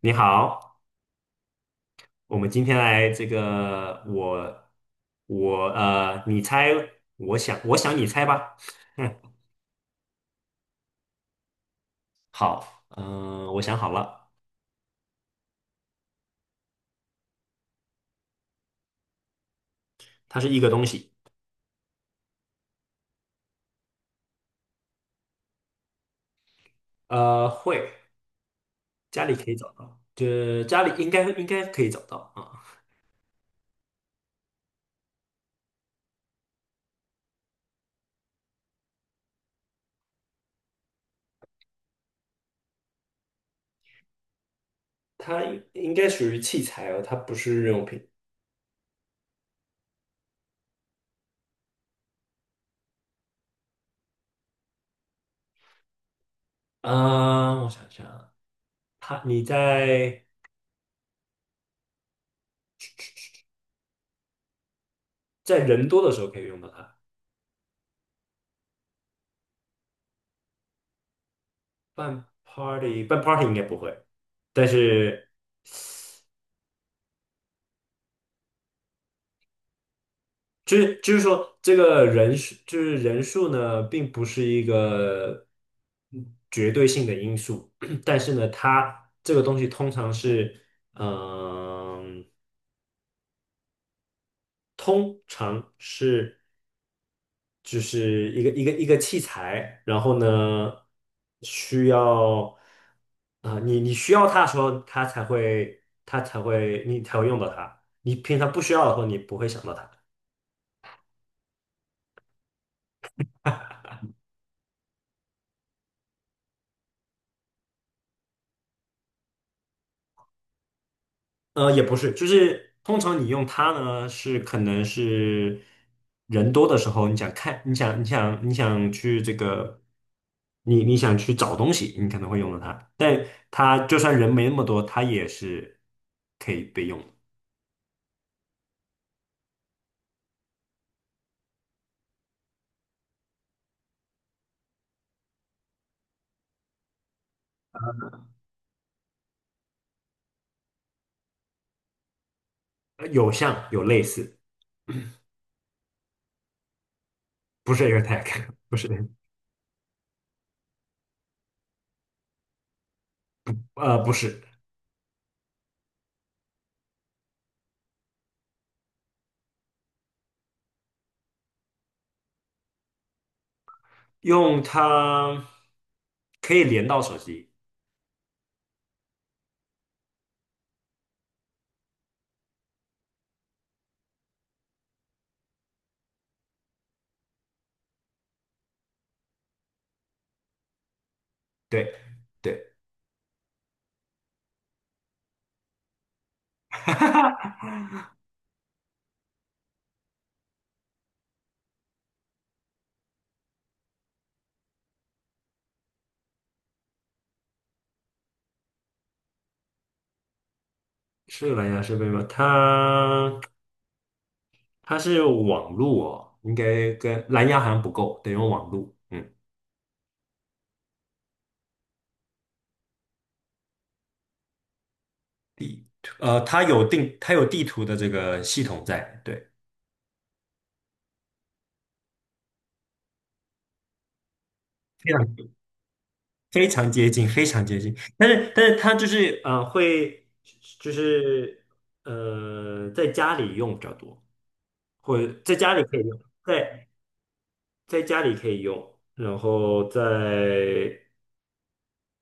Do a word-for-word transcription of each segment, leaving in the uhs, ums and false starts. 你好，我们今天来这个我我呃，你猜。我想我想你猜吧。好，嗯、我想好了，它是一个东西。呃，会家里可以找到，就家里应该应该可以找到啊。它应该属于器材哦，它不是日用品。啊，我想想啊，它你在在人多的时候可以用到它。办 party 办 party 应该不会，但是。就是就是说，这个人数就是人数呢，并不是一个绝对性的因素。但是呢，它这个东西通常是，嗯、通常是就是一个一个一个器材。然后呢，需要啊，你你需要它的时候，它才会它才会你才会用到它。你平常不需要的时候，你不会想到它。呃，也不是，就是通常你用它呢，是可能是人多的时候，你想看，你想，你想，你想去这个，你你想去找东西，你可能会用到它。但它就算人没那么多，它也是可以被用的。呃有像有类似，不是 AirTag，不是。呃，不是。用它可以连到手机，对对。是蓝牙设备吗？它。它是网络。哦，应该跟蓝牙好像不够，得用网络。嗯，呃，它有定，它有地图的这个系统在，对。非常非常接近，非常接近。但是，但是它就是呃，会就是呃，在家里用比较多，或者在家里可以用，在在家里可以用，然后在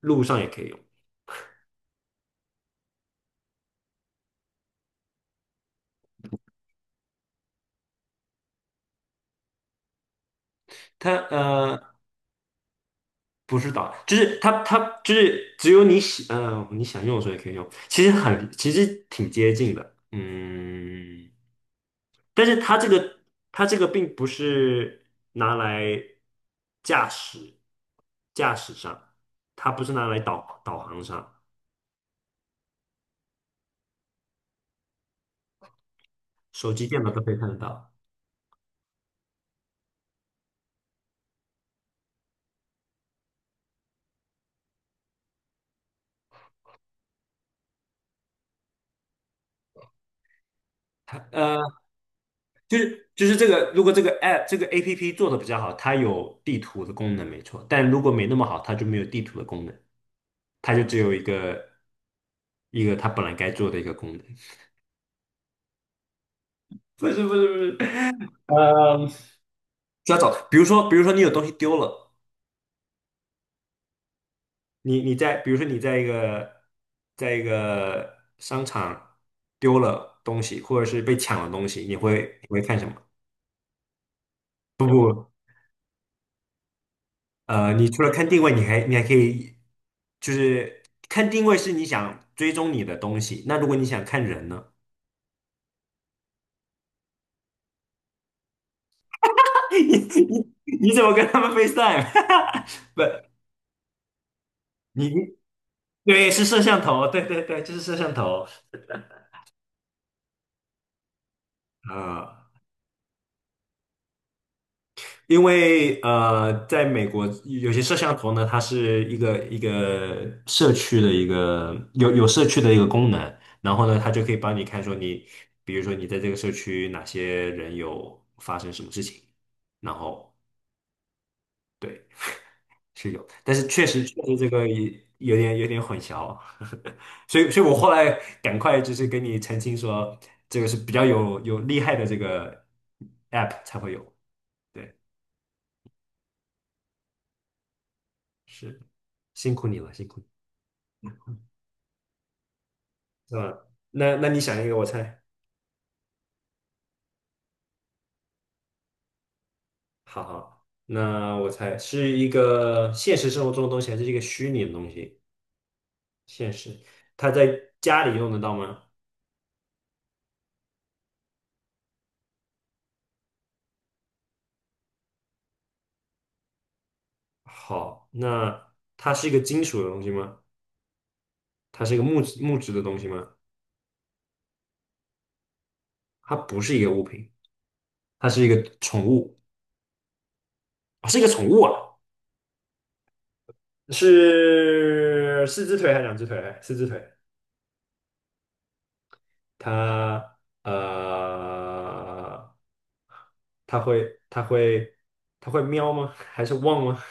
路上也可以用。它呃，不是导，就是它它就是只有你喜，呃，你想用的时候也可以用。其实很其实挺接近的，嗯，但是它这个它这个并不是拿来驾驶驾驶上。它不是拿来导导航上，手机、电脑都可以看得到。呃。就是就是这个，如果这个 app 这个 app 做的比较好，它有地图的功能没错。但如果没那么好，它就没有地图的功能，它就只有一个一个它本来该做的一个功能。不是不是不是，嗯，就要找，比如说比如说你有东西丢了。你你在比如说你在一个在一个商场丢了东西，或者是被抢了东西，你会你会看什么？不不。呃，你除了看定位，你还你还可以，就是看定位是你想追踪你的东西。那如果你想看人呢？你你你怎么跟他们 FaceTime？不，你你对是摄像头，对对对，就是摄像头。啊，因为呃，在美国有些摄像头呢，它是一个一个社区的一个有有社区的一个功能。然后呢，它就可以帮你看说你，比如说你在这个社区哪些人有发生什么事情，然后。对，是有。但是确实确实这个也有点有点混淆，所以所以我后来赶快就是跟你澄清说，这个是比较有有厉害的这个 app 才会有，对，是。辛苦你了，辛苦你是吧？那那你想一个，我猜。好好，那我猜是一个现实生活中的东西，还是一个虚拟的东西？现实，它在家里用得到吗？好，那它是一个金属的东西吗？它是一个木质木质的东西吗？它不是一个物品，它是一个宠物。哦，是一个宠物啊。是四只腿还是两只腿？四只腿。他呃，他会他会他会喵吗？还是汪吗？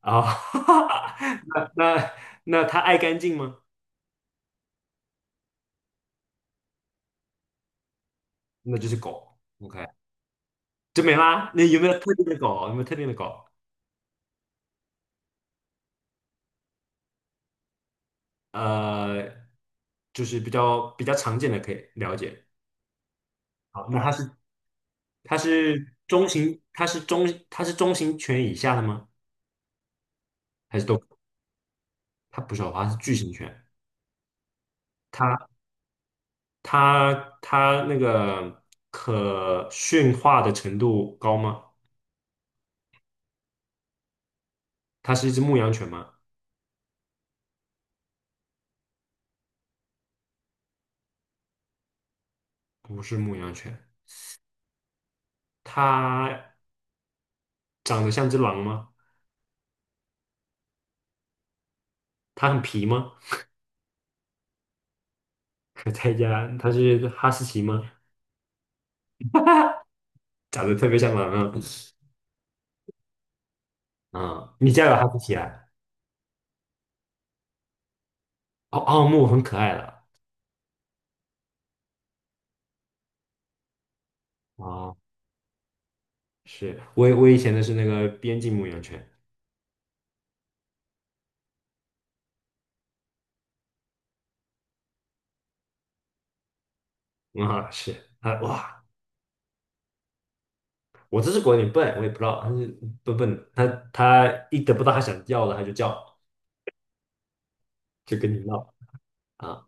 啊，那那那它爱干净吗？那就是狗，OK，就没啦。那有没有特定的狗？有没有特定的狗？呃，就是比较比较常见的可以了解。好，那它是它是中型，它是中它是中型犬以下的吗？还是都？它不是哦，它是巨型犬。它它那个可驯化的程度高吗？它是一只牧羊犬吗？不是牧羊犬，它长得像只狼吗？它很皮吗？可在家，它是哈士奇吗？长得特别像狼啊！啊，你家有哈士奇啊？哦，奥牧很可爱的哦。是我我以前的是那个边境牧羊犬啊。是啊，哇，我这只狗有点笨，我也不知道它是笨笨的。它它一得不到它想要的，它就叫，就跟你闹。啊，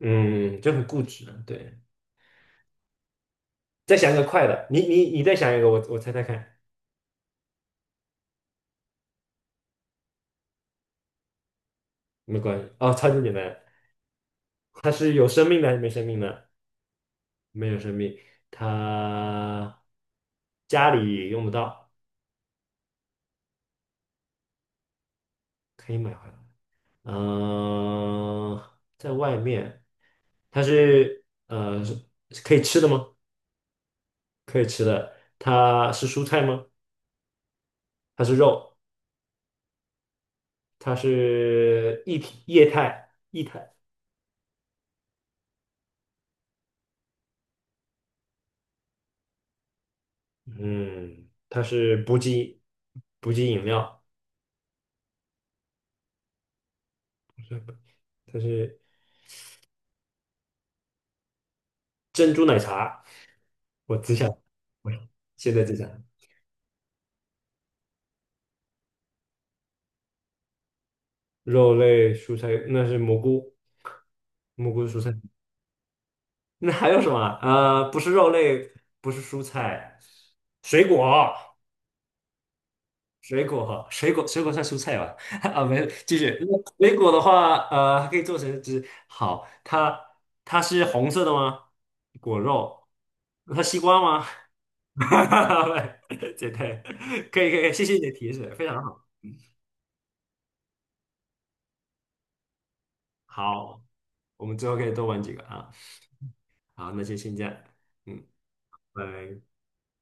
嗯，就很固执了，对。再想一个快的，你你你再想一个，我我猜猜看。没关系，哦，超级简单。它是有生命的还是没生命的？没有生命。它家里用不到，可以买回来。嗯、在外面，它是呃是是可以吃的吗？可以吃的。它是蔬菜吗？它是肉，它是液体液态液态。嗯，它是补给补给饮料。它是珍珠奶茶。我只想，我现在只想。肉类、蔬菜，那是蘑菇，蘑菇是蔬菜。那还有什么啊？呃，不是肉类，不是蔬菜，水果。水果哈，水果水果算蔬菜吧？啊，没有，继续。那水果的话，呃，它可以做成汁。好，它它是红色的吗？果肉，它西瓜吗？哈哈哈，简单，可以可以，可以谢谢你的提示，非常好。好，我们之后可以多玩几个啊。好，那就先这样，嗯，拜拜。